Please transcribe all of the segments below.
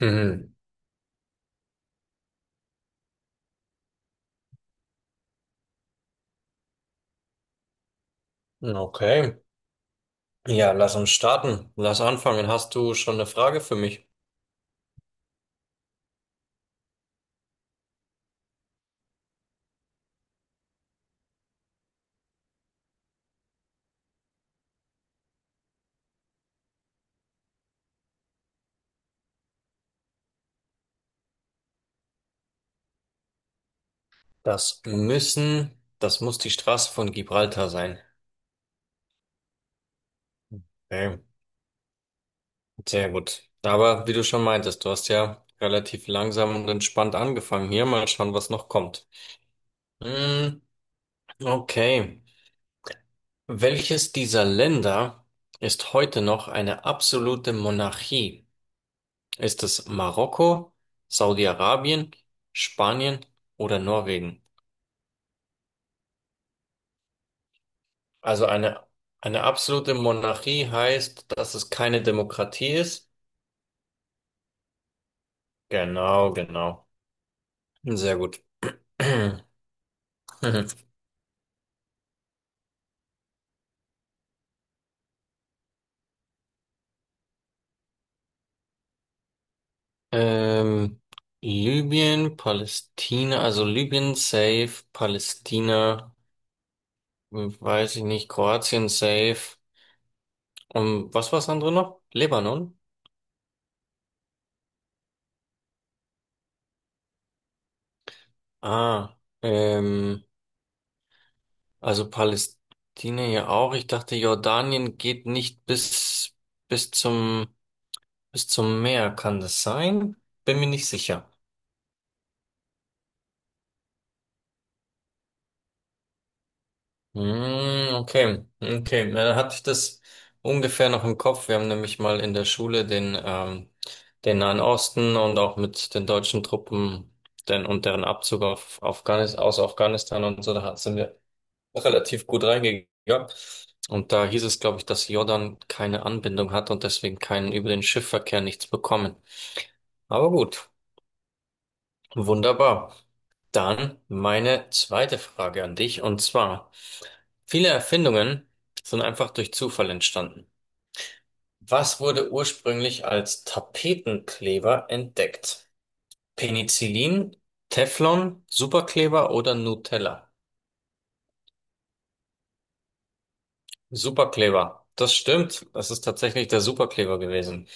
Mhm. Okay. Ja, lass uns starten. Lass anfangen. Hast du schon eine Frage für mich? Das muss die Straße von Gibraltar sein. Okay. Sehr gut. Aber wie du schon meintest, du hast ja relativ langsam und entspannt angefangen. Hier mal schauen, was noch kommt. Mm, okay. Welches dieser Länder ist heute noch eine absolute Monarchie? Ist es Marokko, Saudi-Arabien, Spanien oder Norwegen? Also eine absolute Monarchie heißt, dass es keine Demokratie ist. Genau, genau. Sehr gut. Ähm, Libyen, Palästina, also Libyen safe, Palästina, weiß ich nicht, Kroatien safe. Und was war das andere noch? Libanon? Ah, ähm, also Palästina ja auch. Ich dachte, Jordanien geht nicht bis zum Bis zum Meer, kann das sein? Bin mir nicht sicher. Hm, okay, okay. Na, dann hatte ich das ungefähr noch im Kopf. Wir haben nämlich mal in der Schule den Nahen Osten und auch mit den deutschen Truppen und deren Abzug auf Afghanistan, aus Afghanistan und so, da sind wir relativ gut reingegangen. Und da hieß es, glaube ich, dass Jordan keine Anbindung hat und deswegen keinen über den Schiffverkehr nichts bekommen. Aber gut. Wunderbar. Dann meine zweite Frage an dich, und zwar, viele Erfindungen sind einfach durch Zufall entstanden. Was wurde ursprünglich als Tapetenkleber entdeckt? Penicillin, Teflon, Superkleber oder Nutella? Superkleber. Das stimmt. Das ist tatsächlich der Superkleber gewesen.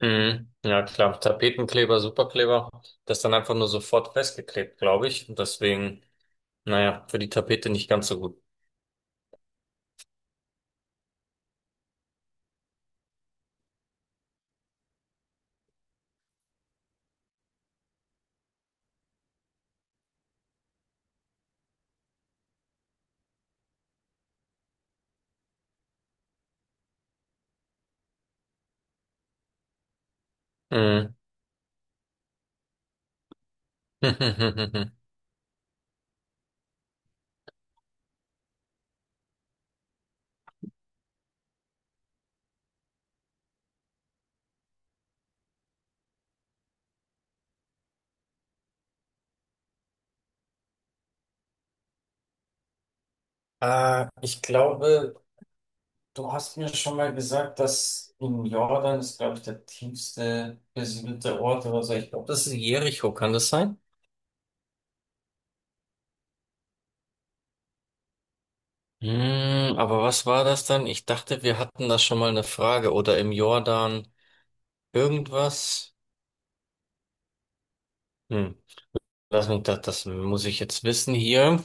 Mhm. Ja, klar. Tapetenkleber, Superkleber. Das ist dann einfach nur sofort festgeklebt, glaube ich. Und deswegen, naja, für die Tapete nicht ganz so gut. Mhm. Ich glaube, du hast mir schon mal gesagt, dass in Jordan ist, glaube ich, der tiefste besiedelte Ort oder so. Ich glaube, das ist Jericho, kann das sein? Aber was war das dann? Ich dachte, wir hatten da schon mal eine Frage oder im Jordan irgendwas. Hm, lass mich das muss ich jetzt wissen hier.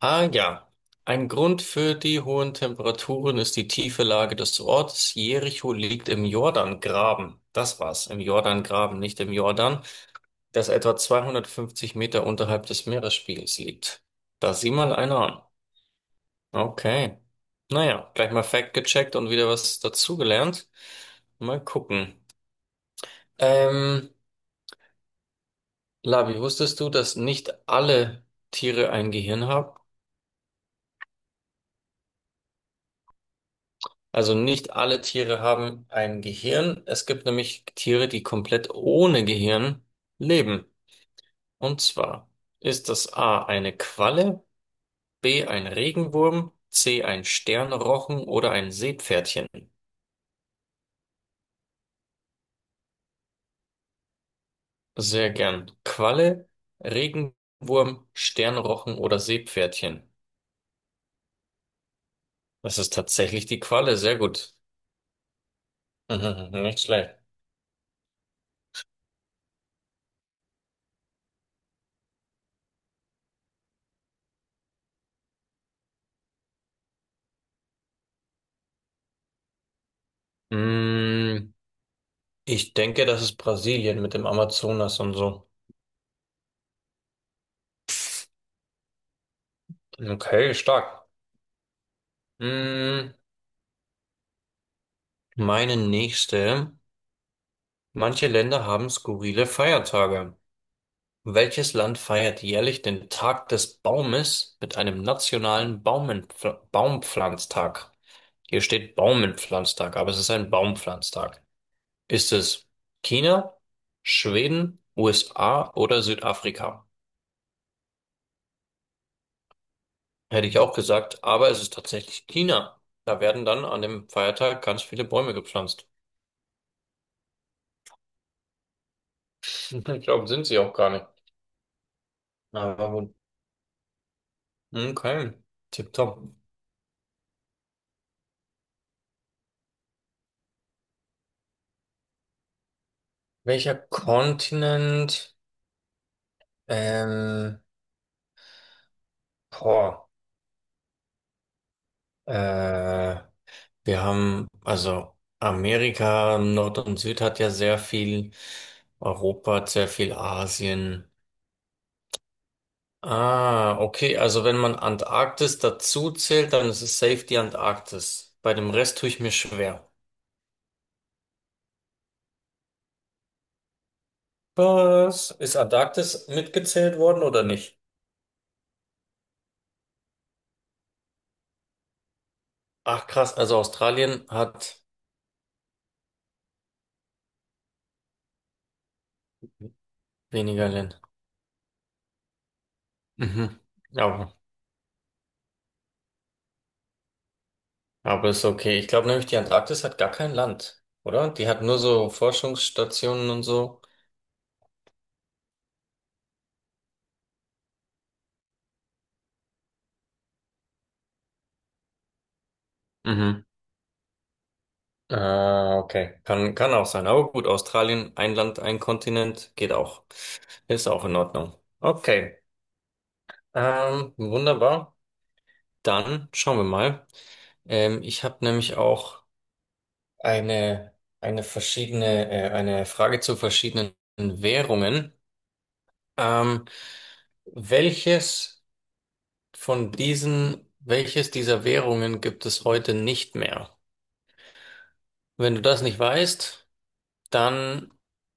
Ah ja, ein Grund für die hohen Temperaturen ist die tiefe Lage des Ortes. Jericho liegt im Jordangraben. Das war's, im Jordangraben, nicht im Jordan, das etwa 250 Meter unterhalb des Meeresspiegels liegt. Da sieh mal einer an. Okay. Naja, gleich mal Fact gecheckt und wieder was dazugelernt. Mal gucken. Ähm, Labi, wusstest du, dass nicht alle Tiere ein Gehirn haben? Also nicht alle Tiere haben ein Gehirn. Es gibt nämlich Tiere, die komplett ohne Gehirn leben. Und zwar ist das A eine Qualle, B ein Regenwurm, C ein Sternrochen oder ein Seepferdchen. Sehr gern. Qualle, Regenwurm, Sternrochen oder Seepferdchen. Das ist tatsächlich die Qualle. Sehr gut. Mhm, nicht schlecht. Mm, ich denke, das ist Brasilien mit dem Amazonas und so. Okay, stark. Mm, Meine nächste. Manche Länder haben skurrile Feiertage. Welches Land feiert jährlich den Tag des Baumes mit einem nationalen Baumenpfl Baumpflanztag? Hier steht Baumpflanztag, aber es ist ein Baumpflanztag. Ist es China, Schweden, USA oder Südafrika? Hätte ich auch gesagt, aber es ist tatsächlich China. Da werden dann an dem Feiertag ganz viele Bäume gepflanzt. Ich glaube, sind sie auch gar nicht. Aber okay, tipptopp. Welcher Kontinent? Ähm, boah, äh, wir haben, also Amerika, Nord und Süd hat ja sehr viel, Europa hat sehr viel, Asien. Ah, okay, also wenn man Antarktis dazu zählt, dann ist es safe die Antarktis. Bei dem Rest tue ich mir schwer. Was? Ist Antarktis mitgezählt worden oder nicht? Ach krass, also Australien hat weniger Länder. Mhm. Ja, aber ist okay. Ich glaube nämlich, die Antarktis hat gar kein Land, oder? Die hat nur so Forschungsstationen und so. Mhm. Ah, okay. Kann auch sein. Aber gut, Australien, ein Land, ein Kontinent, geht auch. Ist auch in Ordnung. Okay. Wunderbar. Dann schauen wir mal. Ich habe nämlich auch eine, eine Frage zu verschiedenen Währungen. Ähm, welches welches dieser Währungen gibt es heute nicht mehr? Wenn du das nicht weißt, dann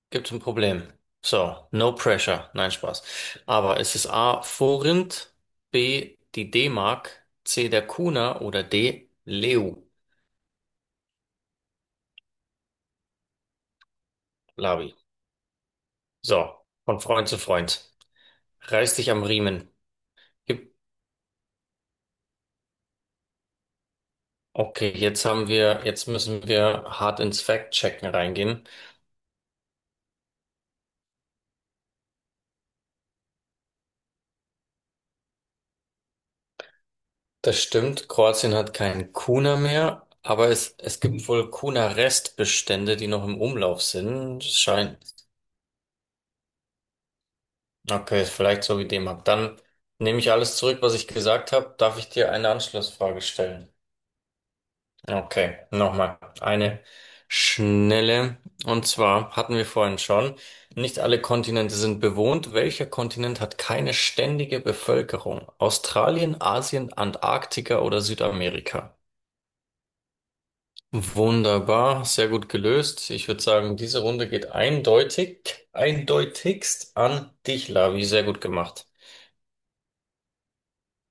gibt es ein Problem. So, no pressure. Nein, Spaß. Aber es ist A, Forint, B, die D-Mark, C, der Kuna oder D, Leu, Labi. So, von Freund zu Freund. Reiß dich am Riemen. Gib- Okay, jetzt müssen wir hart ins Fact-Checken reingehen. Das stimmt, Kroatien hat keinen Kuna mehr, aber es gibt wohl Kuna-Restbestände, die noch im Umlauf sind. Es scheint. Okay, ist vielleicht so wie D-Mark. Dann nehme ich alles zurück, was ich gesagt habe. Darf ich dir eine Anschlussfrage stellen? Okay, nochmal. Eine schnelle. Und zwar hatten wir vorhin schon, nicht alle Kontinente sind bewohnt. Welcher Kontinent hat keine ständige Bevölkerung? Australien, Asien, Antarktika oder Südamerika? Wunderbar, sehr gut gelöst. Ich würde sagen, diese Runde geht eindeutig, eindeutigst an dich, Lavi. Sehr gut gemacht.